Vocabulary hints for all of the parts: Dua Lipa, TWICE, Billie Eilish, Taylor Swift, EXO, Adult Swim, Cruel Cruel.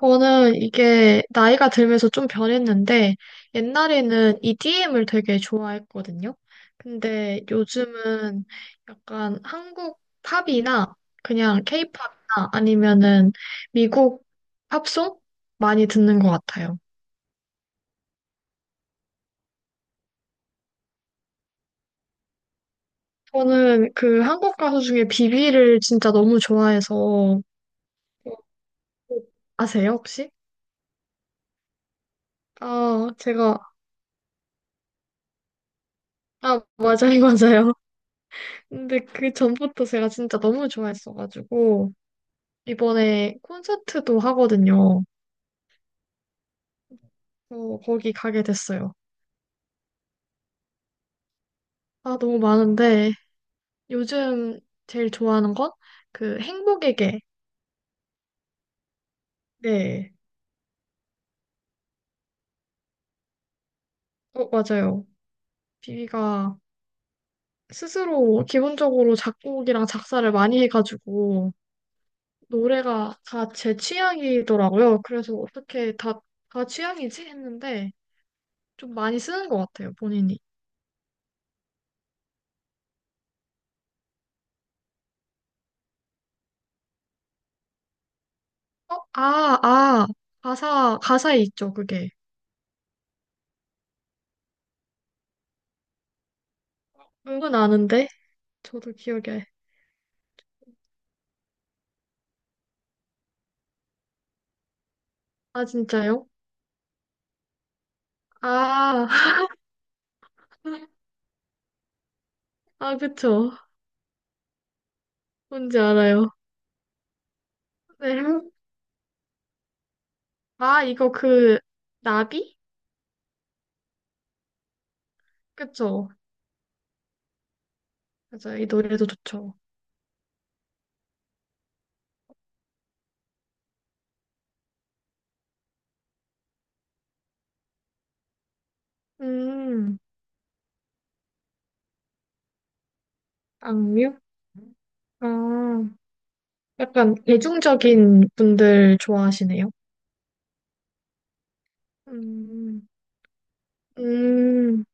저는 이게 나이가 들면서 좀 변했는데, 옛날에는 EDM을 되게 좋아했거든요. 근데 요즘은 약간 한국 팝이나 그냥 K-팝이나 아니면은 미국 팝송 많이 듣는 것 같아요. 저는 그 한국 가수 중에 비비를 진짜 너무 좋아해서 아세요, 혹시? 아, 제가, 아, 맞아요, 맞아요. 근데 그 전부터 제가 진짜 너무 좋아했어가지고, 이번에 콘서트도 하거든요. 어, 거기 가게 됐어요. 아, 너무 많은데, 요즘 제일 좋아하는 건 그 행복의 게. 네. 어, 맞아요. 비비가 스스로 기본적으로 작곡이랑 작사를 많이 해가지고, 노래가 다 제 취향이더라고요. 그래서 어떻게 다, 다 취향이지? 했는데, 좀 많이 쓰는 것 같아요, 본인이. 어, 아, 아. 가사, 가사에 있죠, 그게. 은근 아는데? 저도 기억에. 아, 진짜요? 아, 아, 그쵸. 뭔지 알아요. 네. 아, 이거 그, 나비? 그쵸. 맞아요. 이 노래도 좋죠. 음, 악뮤? 아, 약간 대중적인 분들 좋아하시네요. 음, 음,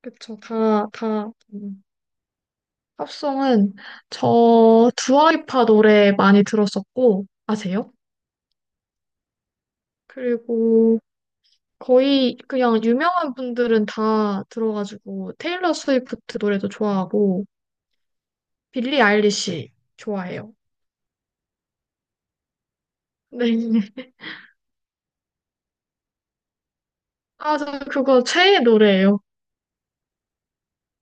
그쵸. 다, 다, 팝송은 저 두아리파 노래 많이 들었었고, 아세요? 그리고 거의 그냥 유명한 분들은 다 들어가지고 테일러 스위프트 노래도 좋아하고 빌리 아일리시 좋아해요. 네. 아, 저 그거 최애 노래예요.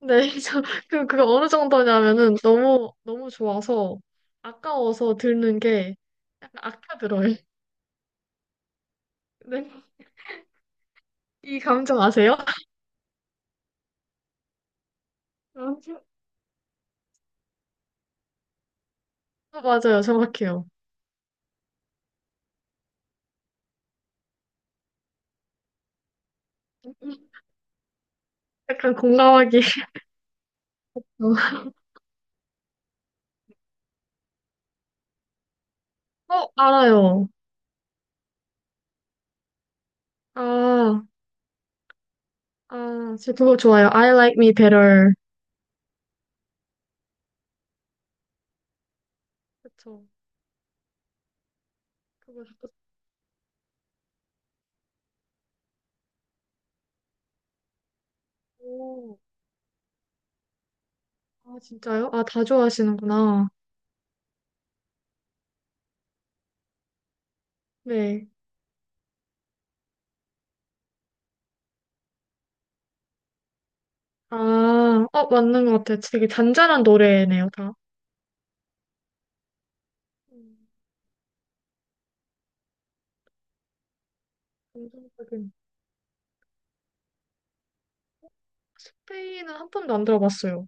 네. 저 그, 그거 어느 정도냐면은 너무 너무 좋아서 아까워서 듣는 게 약간 아껴들어요. 네. 이 감정 아세요? 어, 맞아요. 정확해요. 약간 공감하기. 어, 알아요. 아, 아, 저 그거 좋아요. I like me better. 그쵸. 그거 좋고. 아, 진짜요? 아, 다 좋아하시는구나. 네. 아, 어, 맞는 것 같아요. 되게 잔잔한 노래네요, 다. 음, 감성적인. 스페인은 한 번도 안 들어봤어요.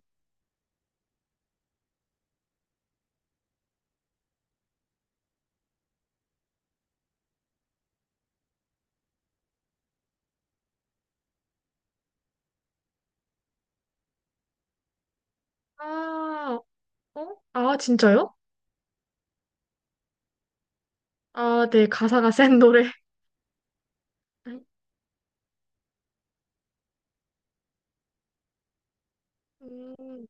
아, 어? 아, 진짜요? 아, 네, 가사가 센 노래. 음,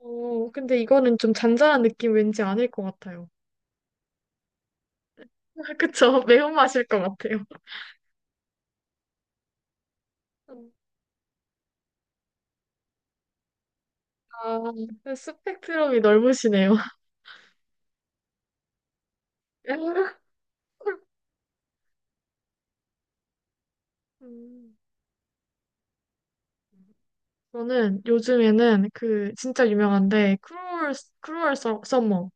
어, 근데 이거는 좀 잔잔한 느낌 왠지 아닐 것 같아요. 그쵸? 매운맛일 것 같아요. 아, 스펙트럼이 넓으시네요. 음. 저는 요즘에는 그 진짜 유명한데 크루얼 서, 머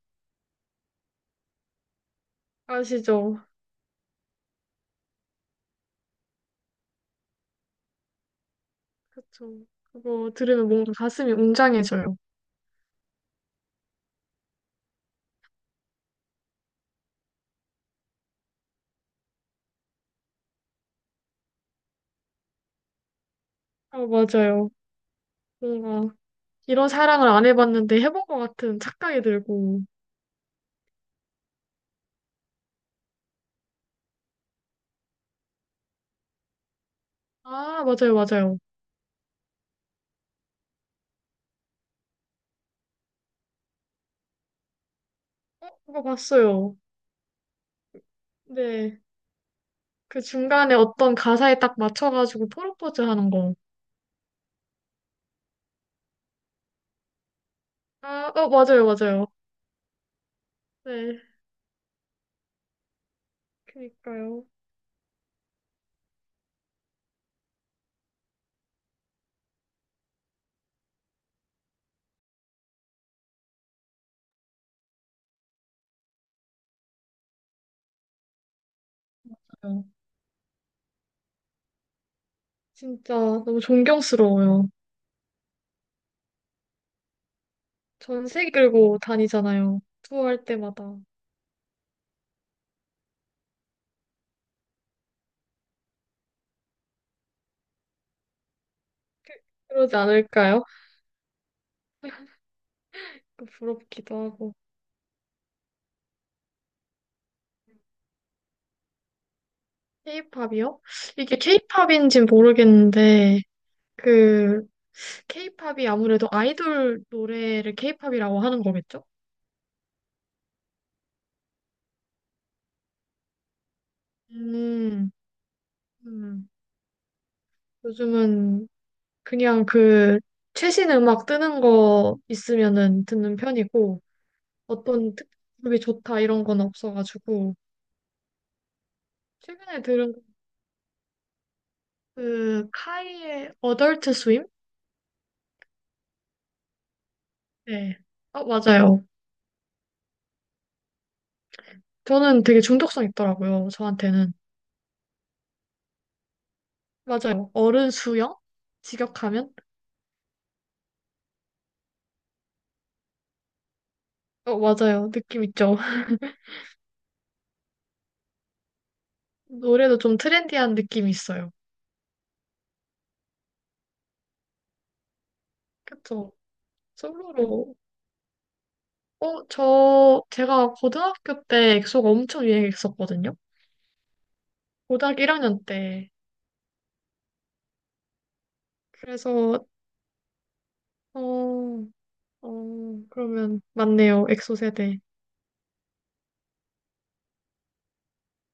아시죠? 그쵸. 그거 들으면 뭔가 가슴이 웅장해져요. 아, 맞아요. 뭔가 이런 사랑을 안 해봤는데 해본 것 같은 착각이 들고. 아, 맞아요, 맞아요. 어, 그거 봤어요. 네. 그 중간에 어떤 가사에 딱 맞춰가지고 프로포즈 하는 거. 아, 어, 맞아요, 맞아요. 네. 그니까요. 진짜 너무 존경스러워요. 전세 끌고 다니잖아요. 투어할 때마다. 그러지 않을까요? 부럽기도 하고. 케이팝이요? 이게 케이팝인지는 모르겠는데, 그, 케이팝이 아무래도 아이돌 노래를 케이팝이라고 하는 거겠죠? 음, 음. 요즘은 그냥 그, 최신 음악 뜨는 거 있으면은 듣는 편이고, 어떤 특급이 좋다 이런 건 없어가지고, 최근에 들은 그, 카이의 어덜트 스윕? 네. 아, 맞아요. 저는 되게 중독성 있더라고요. 저한테는. 맞아요. 어른 수영? 직역하면? 어, 맞아요. 느낌 있죠? 노래도 좀 트렌디한 느낌이 있어요. 그쵸? 솔로로. 어, 저, 제가 고등학교 때 엑소가 엄청 유행했었거든요. 고등학교 1학년 때. 그래서, 어, 어, 그러면, 맞네요. 엑소 세대.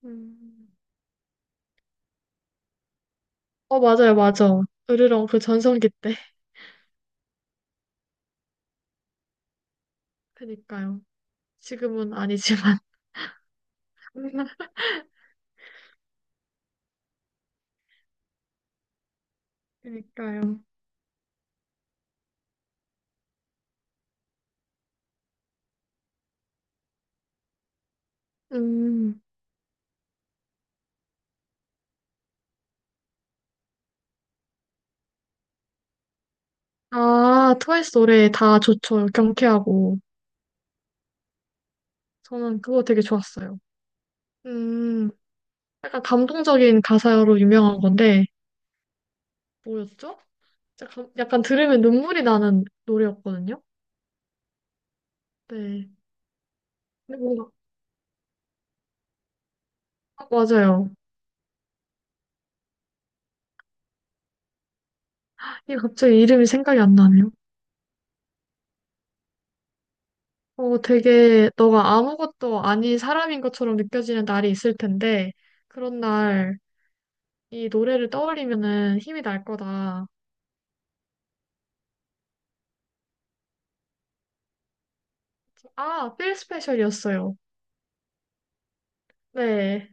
음. 어, 맞아요. 맞아. 으르렁 그 전성기 때. 그니까요. 지금은 아니지만. 그니까요. 음. 아, 트와이스 노래 다 좋죠. 경쾌하고. 저는 그거 되게 좋았어요. 음. 약간 감동적인 가사로 유명한 건데, 뭐였죠? 약간 들으면 눈물이 나는 노래였거든요. 네. 근데 뭔가, 아, 맞아요. 이게 갑자기 이름이 생각이 안 나네요. 어, 되게 너가 아무것도 아닌 사람인 것처럼 느껴지는 날이 있을 텐데, 그런 날 이 노래를 떠올리면은 힘이 날 거다. 아, 필 스페셜이었어요. 네.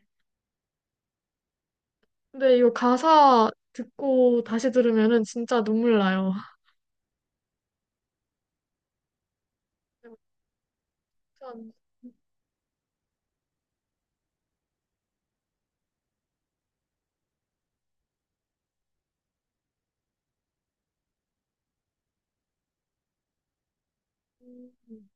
근데 이거 가사 듣고 다시 들으면은 진짜 눈물 나요. 네, 참, 음, 음, 음.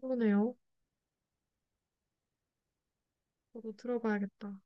그러네요. 저도 들어봐야겠다.